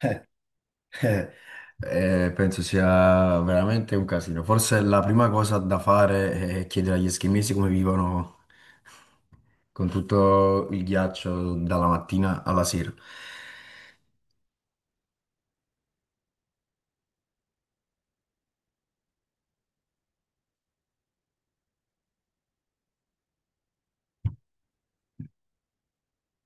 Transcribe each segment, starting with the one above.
Eh, eh, Penso sia veramente un casino. Forse la prima cosa da fare è chiedere agli eschimesi come vivono con tutto il ghiaccio dalla mattina alla sera.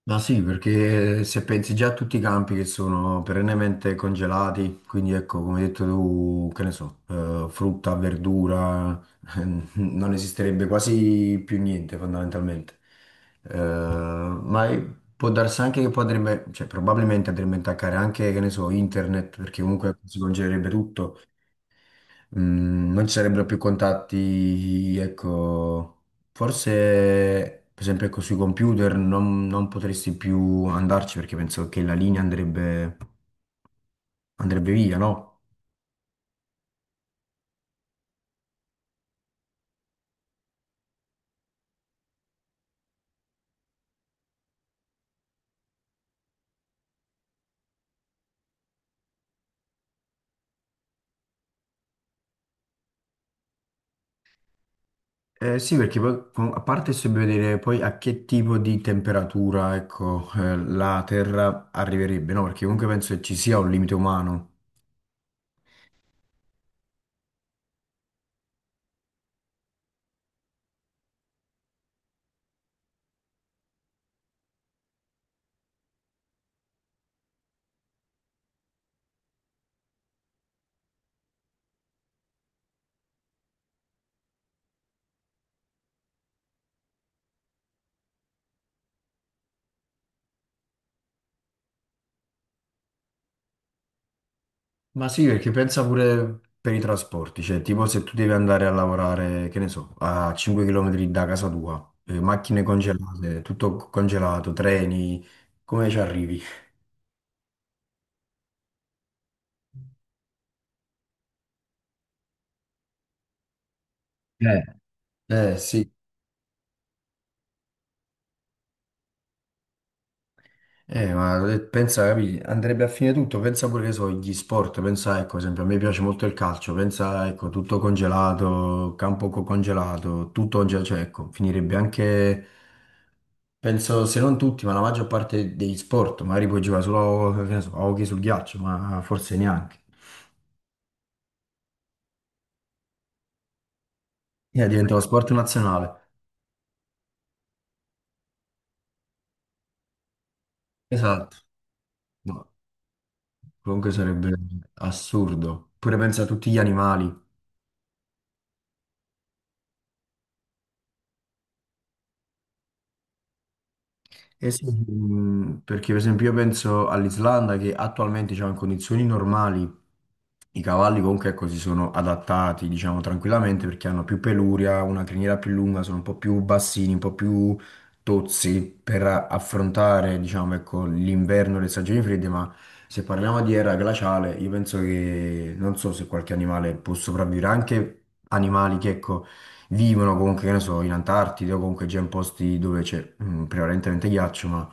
Ma sì, perché se pensi già a tutti i campi che sono perennemente congelati, quindi ecco, come hai detto tu, che ne so, frutta, verdura, non esisterebbe quasi più niente fondamentalmente. Eh, ma è- Può darsi anche che poi andrebbe, cioè probabilmente andrebbe a intaccare anche, che ne so, internet, perché comunque si congelerebbe tutto. Mm, non ci sarebbero più contatti, ecco, forse per esempio ecco, sui computer non potresti più andarci perché penso che la linea andrebbe via, no? Sì, perché poi a parte se vedere poi a che tipo di temperatura, ecco, la Terra arriverebbe, no? Perché comunque penso che ci sia un limite umano. Ma sì, perché pensa pure per i trasporti, cioè tipo se tu devi andare a lavorare, che ne so, a 5 km da casa tua, macchine congelate, tutto congelato, treni, come ci arrivi? Eh. Eh sì, Pensa, capi, andrebbe a fine tutto, pensa pure che so, gli sport, pensa ecco, ad esempio, a me piace molto il calcio, pensa ecco, tutto congelato, congelato, tutto congelato, cioè ecco, finirebbe anche... Penso se non tutti, ma la maggior parte degli sport, magari puoi giocare solo che ne so, a hockey sul ghiaccio, ma forse neanche. Diventa lo sport nazionale. Esatto. No, comunque sarebbe assurdo. Pure pensa a tutti gli animali. Eh sì, mm, perché per esempio io penso all'Islanda che attualmente diciamo, in condizioni normali i cavalli comunque ecco, si sono adattati diciamo, tranquillamente perché hanno più peluria, una criniera più lunga, sono un po' più bassini, un po' più tozzi per affrontare diciamo, ecco, l'inverno e le stagioni fredde, ma se parliamo di era glaciale io penso che non so se qualche animale può sopravvivere, anche animali che ecco, vivono comunque, che ne so, in Antartide o comunque già in posti dove c'è mm, prevalentemente ghiaccio, ma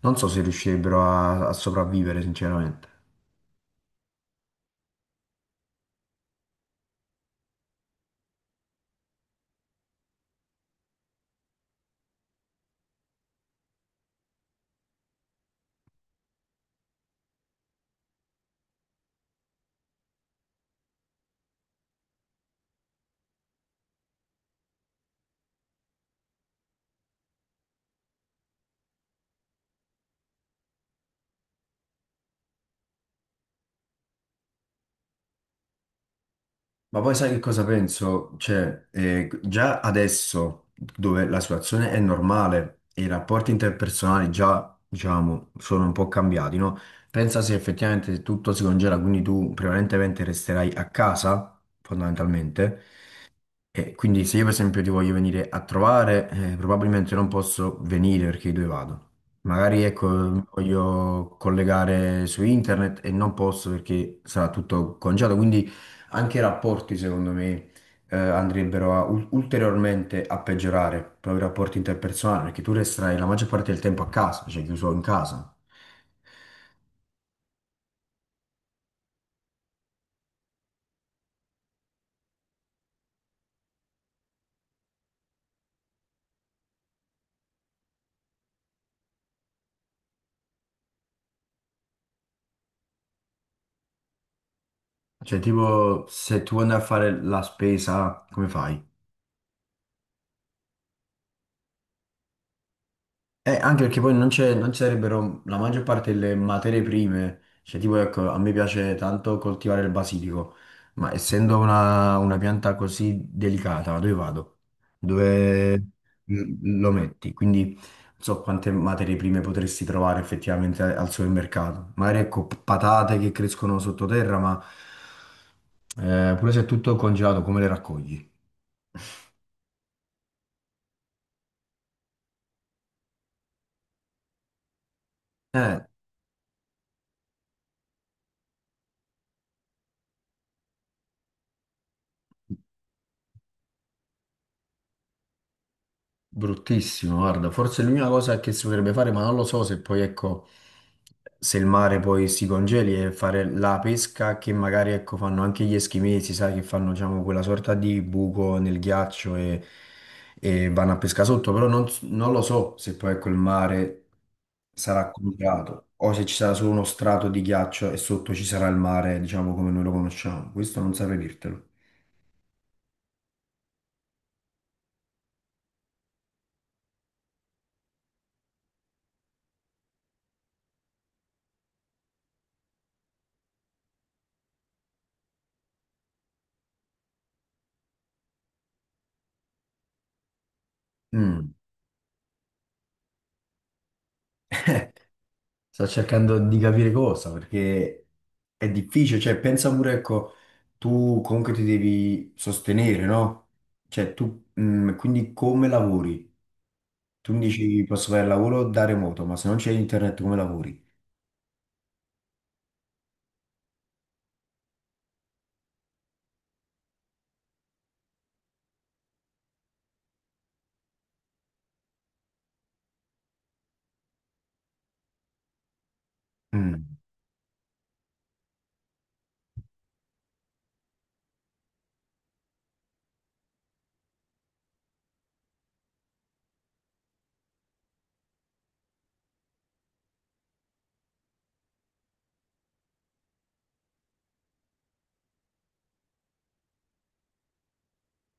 non so se riuscirebbero a sopravvivere, sinceramente. Ma poi sai che cosa penso? Cioè, già adesso, dove la situazione è normale e i rapporti interpersonali già, diciamo, sono un po' cambiati, no? Pensa se effettivamente tutto si congela, quindi tu prevalentemente resterai a casa, fondamentalmente. E quindi se io per esempio ti voglio venire a trovare, probabilmente non posso venire perché dove vado. Magari ecco, mm, voglio collegare su internet e non posso perché sarà tutto congelato. Quindi anche i rapporti, secondo me, andrebbero a ulteriormente a peggiorare proprio i rapporti interpersonali, perché tu resterai la maggior parte del tempo a casa, cioè chiuso in casa. Cioè, tipo, se tu vuoi andare a fare la spesa, come fai? Anche perché poi non ci sarebbero la maggior parte delle materie prime, cioè tipo ecco, a me piace tanto coltivare il basilico, ma essendo una pianta così delicata, dove vado? Dove mm, lo metti? Quindi non so quante materie prime potresti trovare effettivamente al supermercato. Magari ecco patate che crescono sottoterra, ma pure se è tutto congelato, come le raccogli? Eh, Bruttissimo, guarda, forse l'unica cosa che si potrebbe fare, ma non lo so se poi, ecco, se il mare poi si congeli è fare la pesca che magari, ecco, fanno anche gli eschimesi, sai, che fanno, diciamo, quella sorta di buco nel ghiaccio e vanno a pesca sotto, però non, non lo so se poi, ecco, il mare sarà congelato o se ci sarà solo uno strato di ghiaccio e sotto ci sarà il mare, diciamo, come noi lo conosciamo. Questo non saprei dirtelo. Mm. Sto cercando di capire cosa, perché è difficile, cioè pensa pure, ecco, tu comunque ti devi sostenere, no? Cioè tu, mm, quindi come lavori? Tu mi dici posso fare il lavoro da remoto, ma se non c'è internet come lavori? Mm.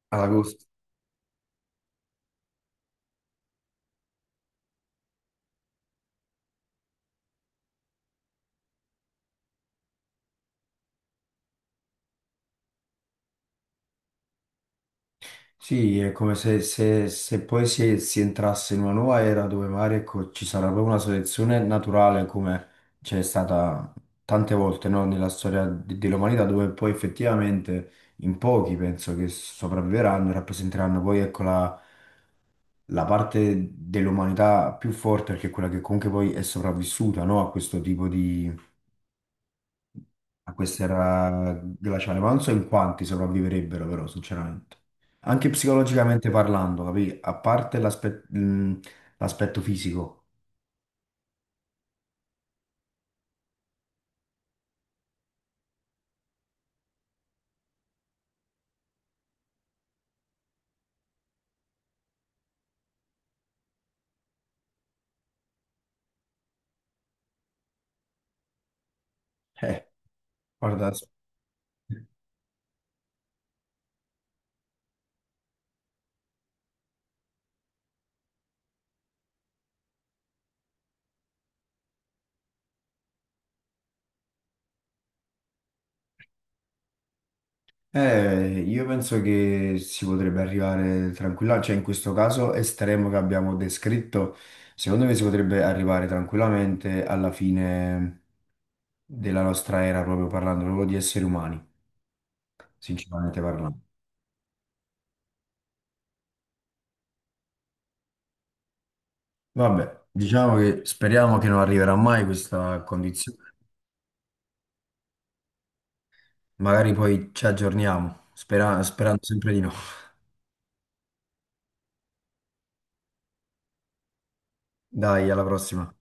Allora, sì, è come se, se poi si entrasse in una nuova era dove magari ecco, ci sarà proprio una selezione naturale come c'è stata tante volte no, nella storia dell'umanità dove poi effettivamente in pochi penso che sopravviveranno e rappresenteranno poi ecco, la parte dell'umanità più forte perché è quella che comunque poi è sopravvissuta no, a questo tipo a quest'era glaciale, ma non so in quanti sopravviverebbero però, sinceramente. Anche psicologicamente parlando, capì? A parte l'aspetto fisico. Eh, guarda, io penso che si potrebbe arrivare tranquillamente, cioè in questo caso estremo che abbiamo descritto, secondo me si potrebbe arrivare tranquillamente alla fine della nostra era, proprio parlando proprio di esseri umani, sinceramente parlando. Vabbè, diciamo che speriamo che non arriverà mai questa condizione. Magari poi ci aggiorniamo, sperando sempre di no. Dai, alla prossima.